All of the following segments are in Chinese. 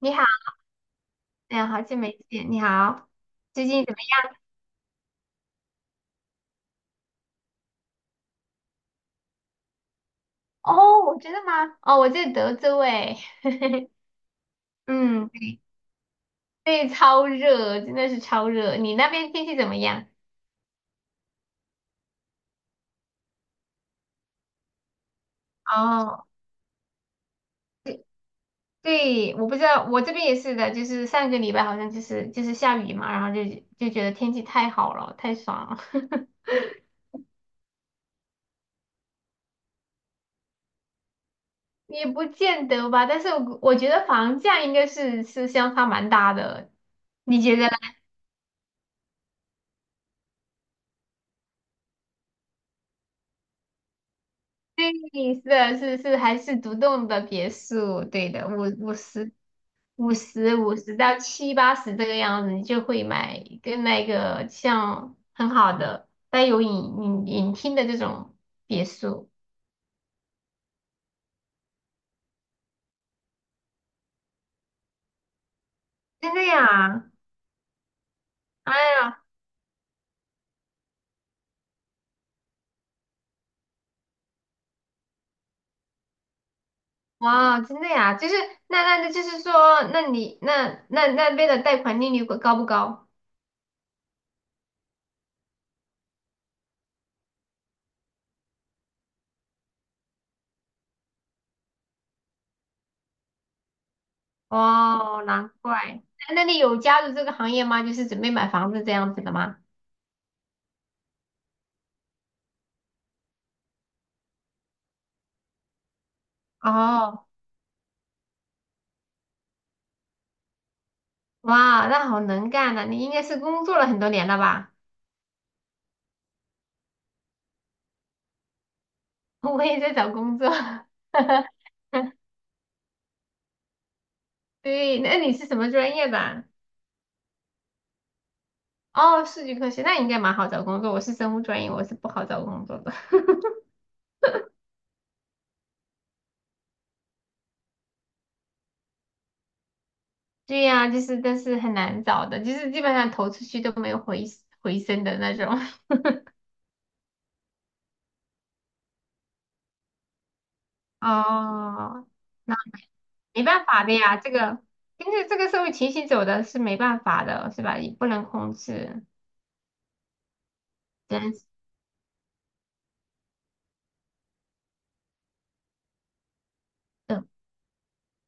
你好，哎呀，好久没见，你好，最近怎么样？哦，真的吗？哦，我在德州哎，嗯，对，对，超热，真的是超热。你那边天气怎么样？哦，对对，我不知道，我这边也是的，就是上个礼拜好像就是下雨嘛，然后就觉得天气太好了，太爽了。也不见得吧，但是我觉得房价应该是相差蛮大的，你觉得？对，是的，是还是独栋的别墅，对的，五十到七八十这个样子，你就会买一个那个像很好的带有影厅的这种别墅，真的呀？哎呀，哇，真的呀？就是那就是说，那你那边的贷款利率高不高？哦，难怪。那你有加入这个行业吗？就是准备买房子这样子的吗？哦。哇，那好能干呐、你应该是工作了很多年了吧？我也在找工作。哈哈。对，那你是什么专业的？哦，数据科学，那应该蛮好找工作。我是生物专业，我是不好找工作的。对呀、就是但是很难找的，就是基本上投出去都没有回声的那种。哦，那没办法的呀，这个跟着这个社会情形走的是没办法的，是吧？也不能控制，真是的。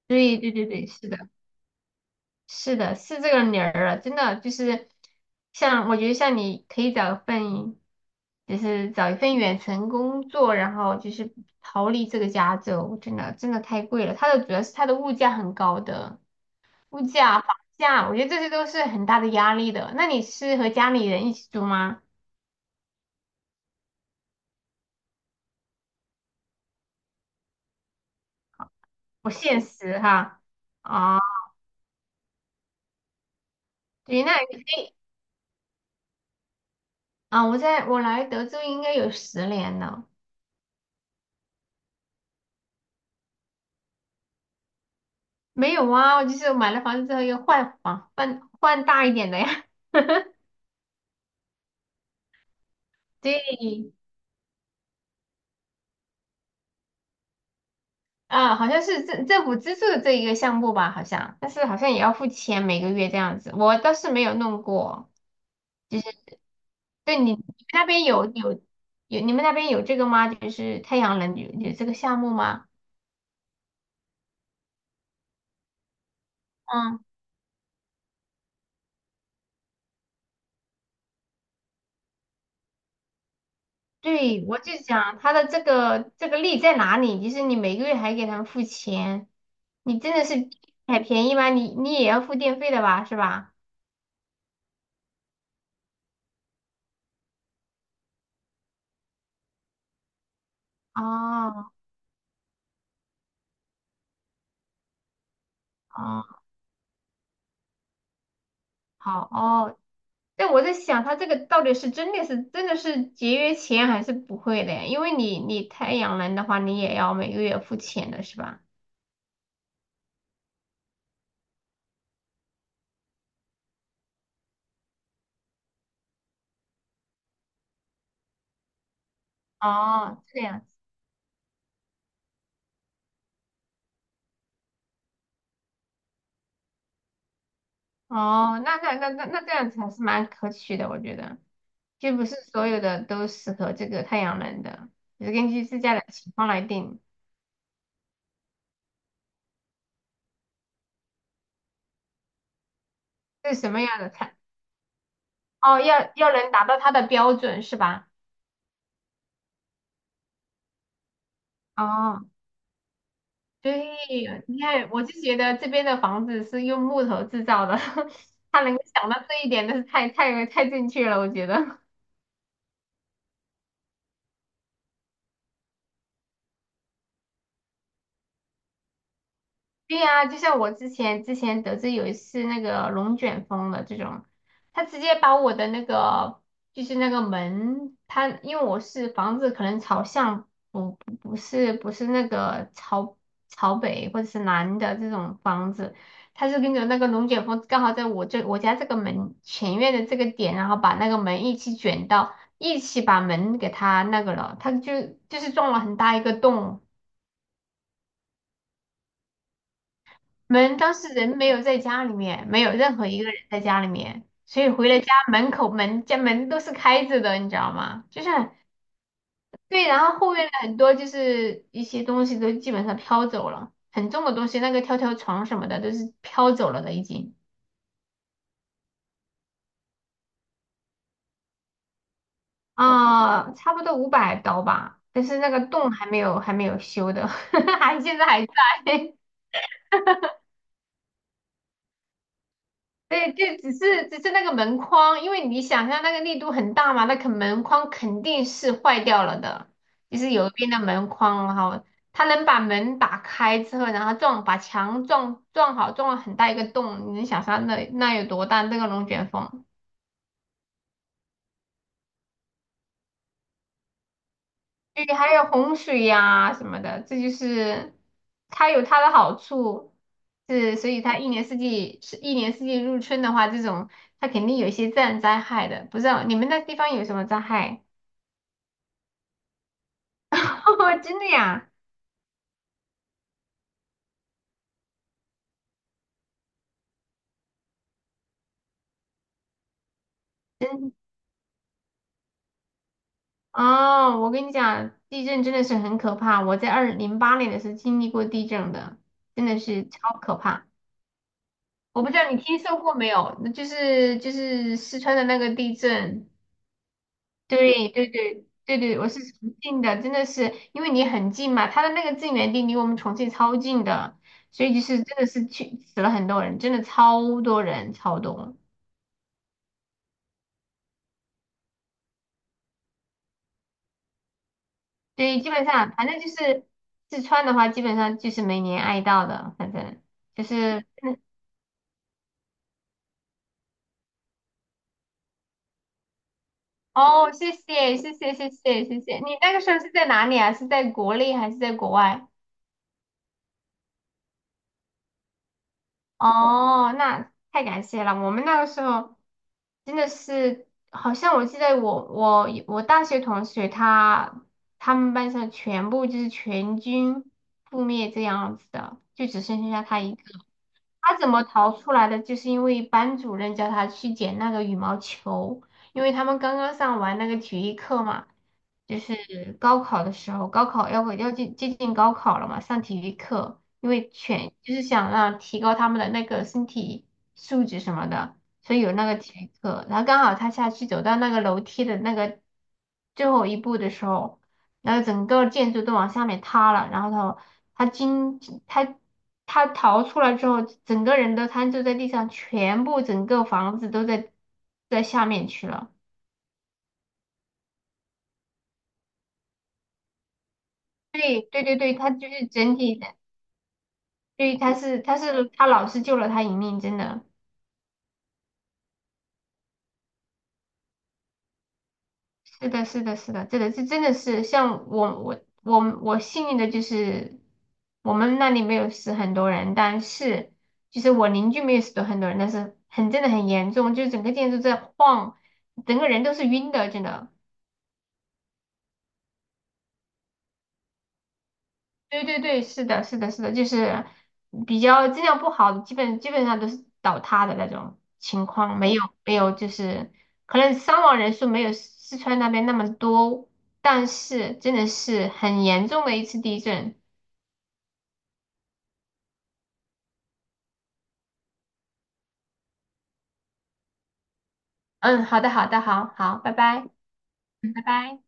对对对对，是的。是的，是这个理儿了，真的就是像我觉得像你可以找一份，就是找一份远程工作，然后就是逃离这个加州，真的真的太贵了。它的主要是它的物价很高的，物价、房价，我觉得这些都是很大的压力的。那你是和家里人一起住吗？不现实哈。啊，对，那你可以啊，我来德州应该有10年了。没有啊，我就是买了房子之后又换房，换大一点的呀。对，啊，好像是政府资助的这一个项目吧，好像，但是好像也要付钱每个月这样子，我倒是没有弄过。对，你们那边有这个吗？就是太阳能有这个项目吗？嗯，对，我就想它的这个利在哪里？就是你每个月还给他们付钱，你真的是还便宜吗？你也要付电费的吧，是吧？哦，哦，好哦，但我在想，它这个到底是真的是节约钱还是不会的？因为你太阳能的话，你也要每个月付钱的是吧？哦，这样子。哦，那这样子还是蛮可取的，我觉得，就不是所有的都适合这个太阳能的，就是根据自家的情况来定，是什么样的菜，哦，要能达到它的标准是吧？哦。对，你看，我就觉得这边的房子是用木头制造的，他能够想到这一点，那是太正确了，我觉得。对呀，就像我之前得知有一次那个龙卷风的这种，他直接把我的那个就是那个门，他因为我是房子可能朝向不是那个朝北或者是南的这种房子，他是跟着那个龙卷风刚好在我家这个门前院的这个点，然后把那个门一起卷到一起把门给它那个了，他就是撞了很大一个洞。门当时人没有在家里面，没有任何一个人在家里面，所以回了家门口门家门都是开着的，你知道吗？就是对，然后后面的很多就是一些东西都基本上飘走了，很重的东西，那个跳跳床什么的都是飘走了的已经。啊、差不多500刀吧，但是那个洞还没有修的，还现在还在。对，就只是那个门框，因为你想象那个力度很大嘛，那个门框肯定是坏掉了的，就是有一边的门框，然后它能把门打开之后，然后撞把墙撞好，撞了很大一个洞，你能想象那有多大？那个龙卷风，对，还有洪水呀、什么的，这就是它有它的好处，是所以它一年四季入春的话，这种它肯定有一些自然灾害的，不知道你们那地方有什么灾害？真的呀，真哦，我跟你讲，地震真的是很可怕。我在2008年的时候经历过地震的，真的是超可怕。我不知道你听说过没有，那就是四川的那个地震。对对对对对，我是重庆的，真的是因为你很近嘛，它的那个震源地离我们重庆超近的，所以就是真的是去死了很多人，真的超多人，超多。对，基本上反正就是四川的话，基本上就是每年爱到的，反正就是哦，谢谢谢谢谢谢谢谢，你那个时候是在哪里啊？是在国内还是在国外？哦，那太感谢了，我们那个时候真的是，好像我记得我大学同学他们班上全部就是全军覆灭这样子的，就只剩下他一个。他怎么逃出来的？就是因为班主任叫他去捡那个羽毛球，因为他们刚刚上完那个体育课嘛，就是高考的时候，高考要接近高考了嘛，上体育课，因为全就是想让提高他们的那个身体素质什么的，所以有那个体育课。然后刚好他下去走到那个楼梯的那个最后一步的时候，然后整个建筑都往下面塌了，然后他他经他他逃出来之后，整个人都瘫坐在地上，全部整个房子都在下面去了。对对对对，他就是整体的，对，他是他老师救了他一命，真的。是的，是的，是的，这真的是像我幸运的就是我们那里没有死很多人，但是就是我邻居没有死很多人，但是很真的很严重，就是整个建筑在晃，整个人都是晕的，真的。对对对，是的，是的，是的，就是比较质量不好的，基本上都是倒塌的那种情况，没有就是可能伤亡人数没有四川那边那么多，但是真的是很严重的一次地震。嗯，好的，好的，好好，拜拜，嗯拜拜。